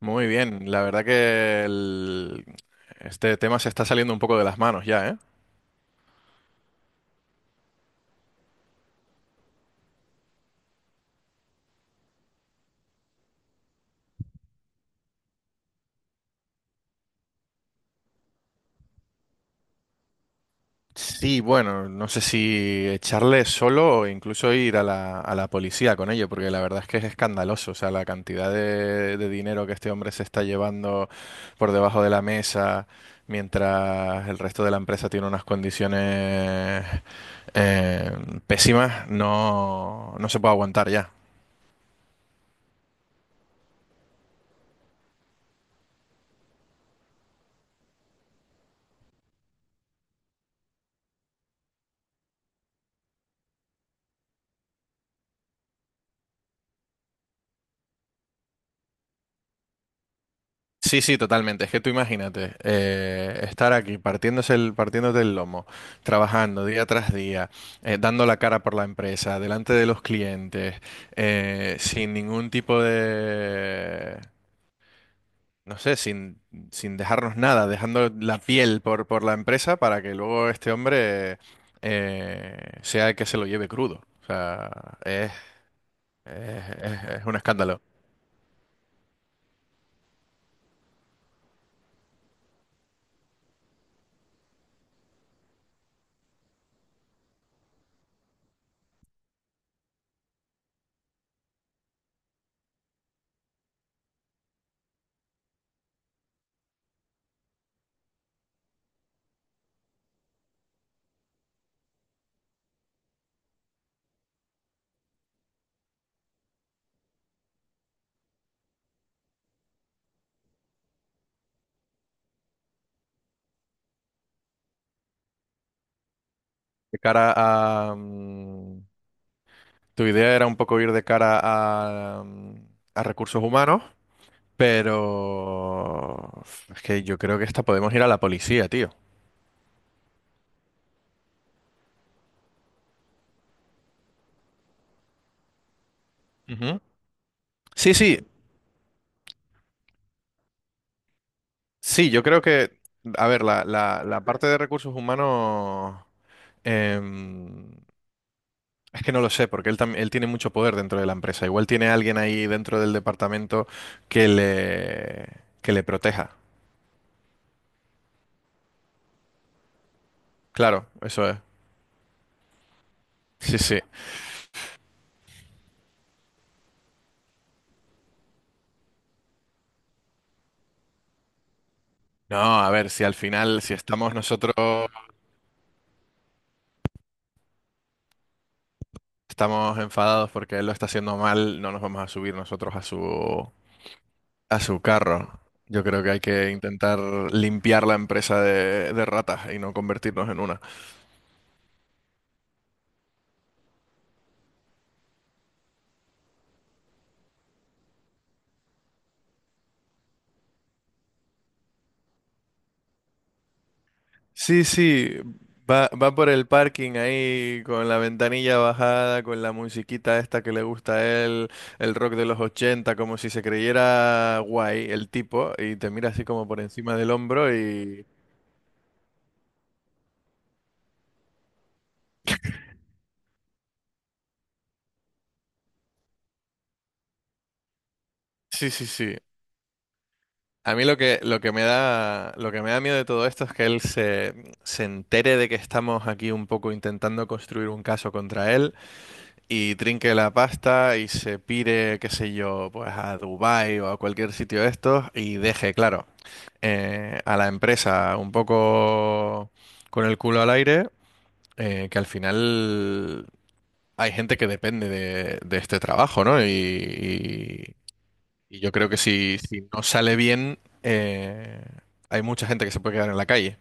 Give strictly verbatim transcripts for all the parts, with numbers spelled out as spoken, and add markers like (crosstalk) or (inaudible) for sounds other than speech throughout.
Muy bien, la verdad que el- este tema se está saliendo un poco de las manos ya, ¿eh? Sí, bueno, no sé si echarle solo o incluso ir a la, a la policía con ello, porque la verdad es que es escandaloso, o sea, la cantidad de, de dinero que este hombre se está llevando por debajo de la mesa, mientras el resto de la empresa tiene unas condiciones, eh, pésimas. No, no se puede aguantar ya. Sí, sí, totalmente. Es que tú imagínate, eh, estar aquí partiéndose el, partiéndote el lomo, trabajando día tras día, eh, dando la cara por la empresa, delante de los clientes, eh, sin ningún tipo de, no sé, sin, sin dejarnos nada, dejando la piel por, por la empresa para que luego este hombre, eh, sea el que se lo lleve crudo. O sea, es, es, es- es un escándalo. De cara a, mm, Tu idea era un poco ir de cara a, mm, a recursos humanos, pero es que yo creo que esta podemos ir a la policía, tío. Ujú. Sí, sí, sí, yo creo que, a ver, la, la- la parte de recursos humanos, em, es que no lo sé, porque él, tam- él tiene mucho poder dentro de la empresa. Igual tiene alguien ahí dentro del departamento que le, que le proteja. Claro, eso es. Sí, sí. No, a ver, si al final, si estamos nosotros. Estamos enfadados porque él lo está haciendo mal, no nos vamos a subir nosotros a su, a su carro. Yo creo que hay que intentar limpiar la empresa de, de ratas y no convertirnos en una. Sí, sí, va, va por el parking ahí con la ventanilla bajada, con la musiquita esta que le gusta a él, el rock de los ochenta, como si se creyera guay el tipo, y te mira así como por encima del hombro y... Sí, sí, sí. A mí lo que, lo que me da, lo que me da miedo de todo esto es que él se, se entere de que estamos aquí un poco intentando construir un caso contra él y trinque la pasta y se pire, qué sé yo, pues a Dubái o a cualquier sitio de estos y deje, claro, eh, a la empresa un poco con el culo al aire, eh, que al final hay gente que depende de, de este trabajo, ¿no? Y, y yo creo que si, si no sale bien, eh, hay mucha gente que se puede quedar en la calle.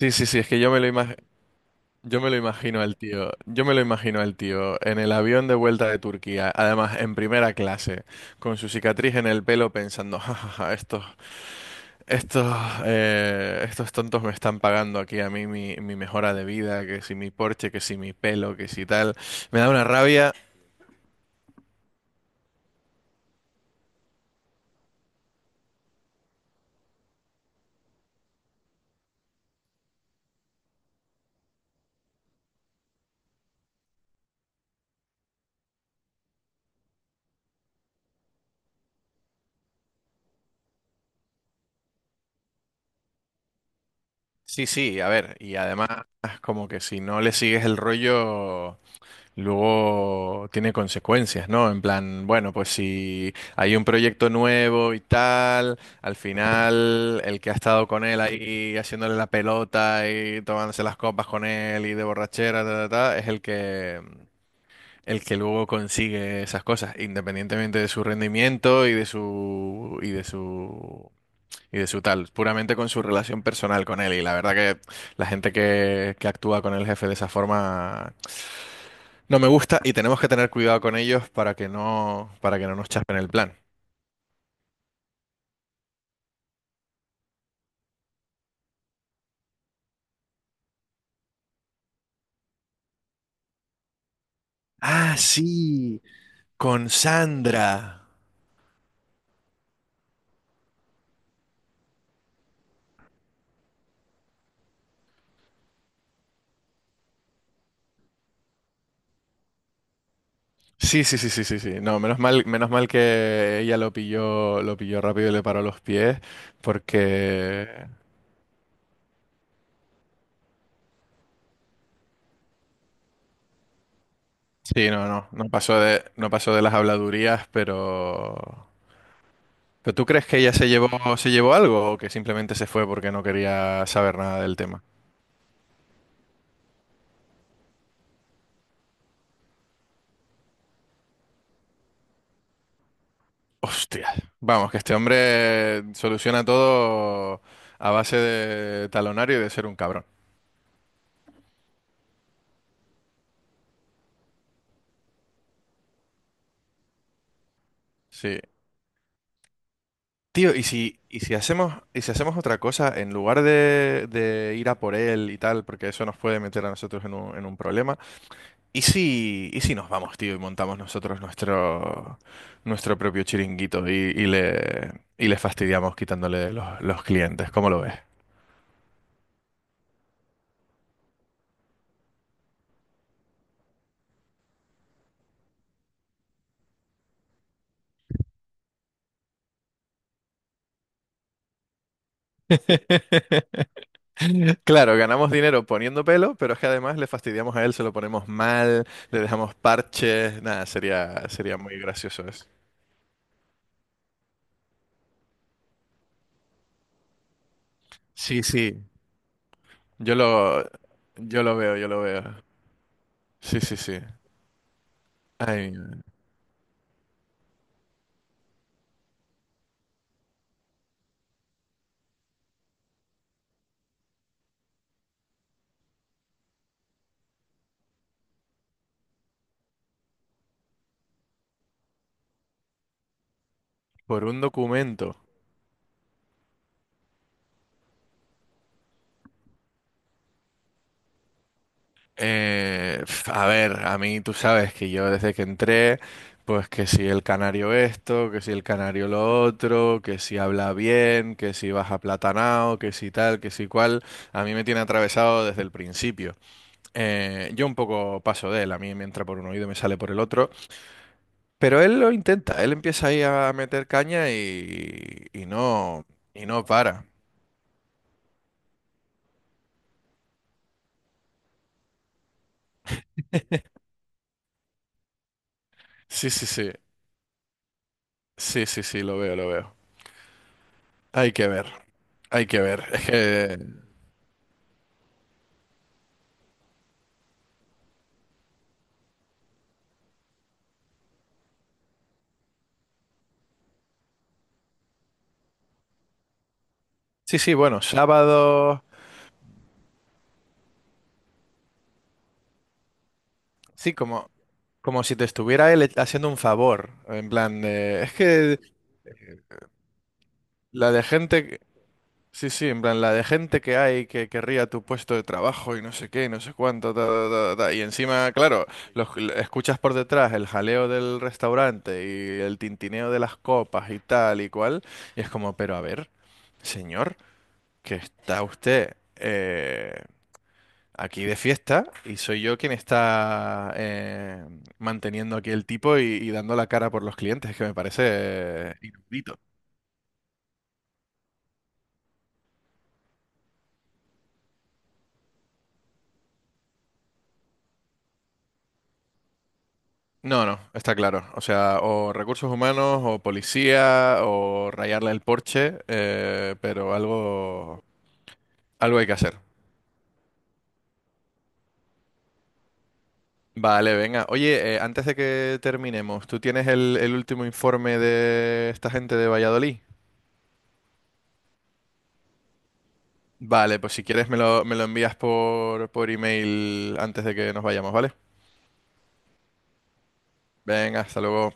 Sí, sí, sí, es que yo me lo imag- yo me lo imagino al tío, yo me lo imagino al tío en el avión de vuelta de Turquía, además en primera clase, con su cicatriz en el pelo pensando: "Ja, ja, ja, estos, estos, eh, estos tontos me están pagando aquí a mí mi, mi mejora de vida, que si mi Porsche, que si mi pelo, que si tal". Me da una rabia. Sí, sí, a ver, y además como que si no le sigues el rollo... luego tiene consecuencias, ¿no? En plan, bueno, pues si hay un proyecto nuevo y tal, al final el que ha estado con él ahí haciéndole la pelota y tomándose las copas con él y de borrachera, ta, ta, ta, es el que el que luego consigue esas cosas, independientemente de su rendimiento y de su y de su y de su tal, puramente con su relación personal con él. Y la verdad que la gente que, que actúa con el jefe de esa forma no me gusta y tenemos que tener cuidado con ellos para que no, para que no nos chapen el plan. Ah, sí, con Sandra. Sí, sí, sí, sí, sí, sí. No, menos mal, menos mal que ella lo pilló, lo pilló rápido y le paró los pies, porque sí, no, no, no pasó de, no pasó de las habladurías, pero, pero ¿tú crees que ella se llevó, se llevó algo o que simplemente se fue porque no quería saber nada del tema? Hostia. Vamos, que este hombre soluciona todo a base de talonario y de ser un cabrón. Sí. Tío, ¿y si, y si hacemos, y si hacemos otra cosa, en lugar de, de ir a por él y tal, porque eso nos puede meter a nosotros en un, en un problema, ¿y si, y si nos vamos, tío, y montamos nosotros nuestro, nuestro propio chiringuito y, y le, y le fastidiamos quitándole los, los clientes? ¿Cómo lo ves? (laughs) Claro, ganamos dinero poniendo pelo, pero es que además le fastidiamos a él, se lo ponemos mal, le dejamos parches, nada, sería, sería muy gracioso eso. Sí, sí, yo lo, yo lo veo, yo lo veo. Sí, sí, sí. Ay, por un documento. Eh, pf, a ver, a mí tú sabes que yo desde que entré, pues que si el canario esto, que si el canario lo otro, que si habla bien, que si baja platanao, que si tal, que si cual, a mí me tiene atravesado desde el principio. Eh, yo un poco paso de él, a mí me entra por un oído y me sale por el otro, pero él lo intenta, él empieza ahí a meter caña y, y no, y no para. Sí, sí, sí, sí, sí, sí, lo veo, lo veo. Hay que ver, hay que ver. Es que, sí, sí, bueno, sábado, sí, como, como si te estuviera él haciendo un favor, en plan de, es que la de gente. Sí, sí, en plan, la de gente que hay que querría tu puesto de trabajo y no sé qué, y no sé cuánto, ta, ta, ta, ta. Y encima, claro, los, escuchas por detrás el jaleo del restaurante y el tintineo de las copas y tal y cual. Y es como, pero a ver, señor, que está usted eh, aquí de fiesta y soy yo quien está, eh, manteniendo aquí el tipo y, y dando la cara por los clientes, que me parece, eh, inaudito. No, no, está claro. O sea, o recursos humanos, o policía, o rayarle el Porsche, eh, pero algo, algo hay que hacer. Vale, venga. Oye, eh, antes de que terminemos, ¿tú tienes el, el último informe de esta gente de Valladolid? Vale, pues si quieres me lo, me lo envías por, por email antes de que nos vayamos, ¿vale? Venga, hasta luego.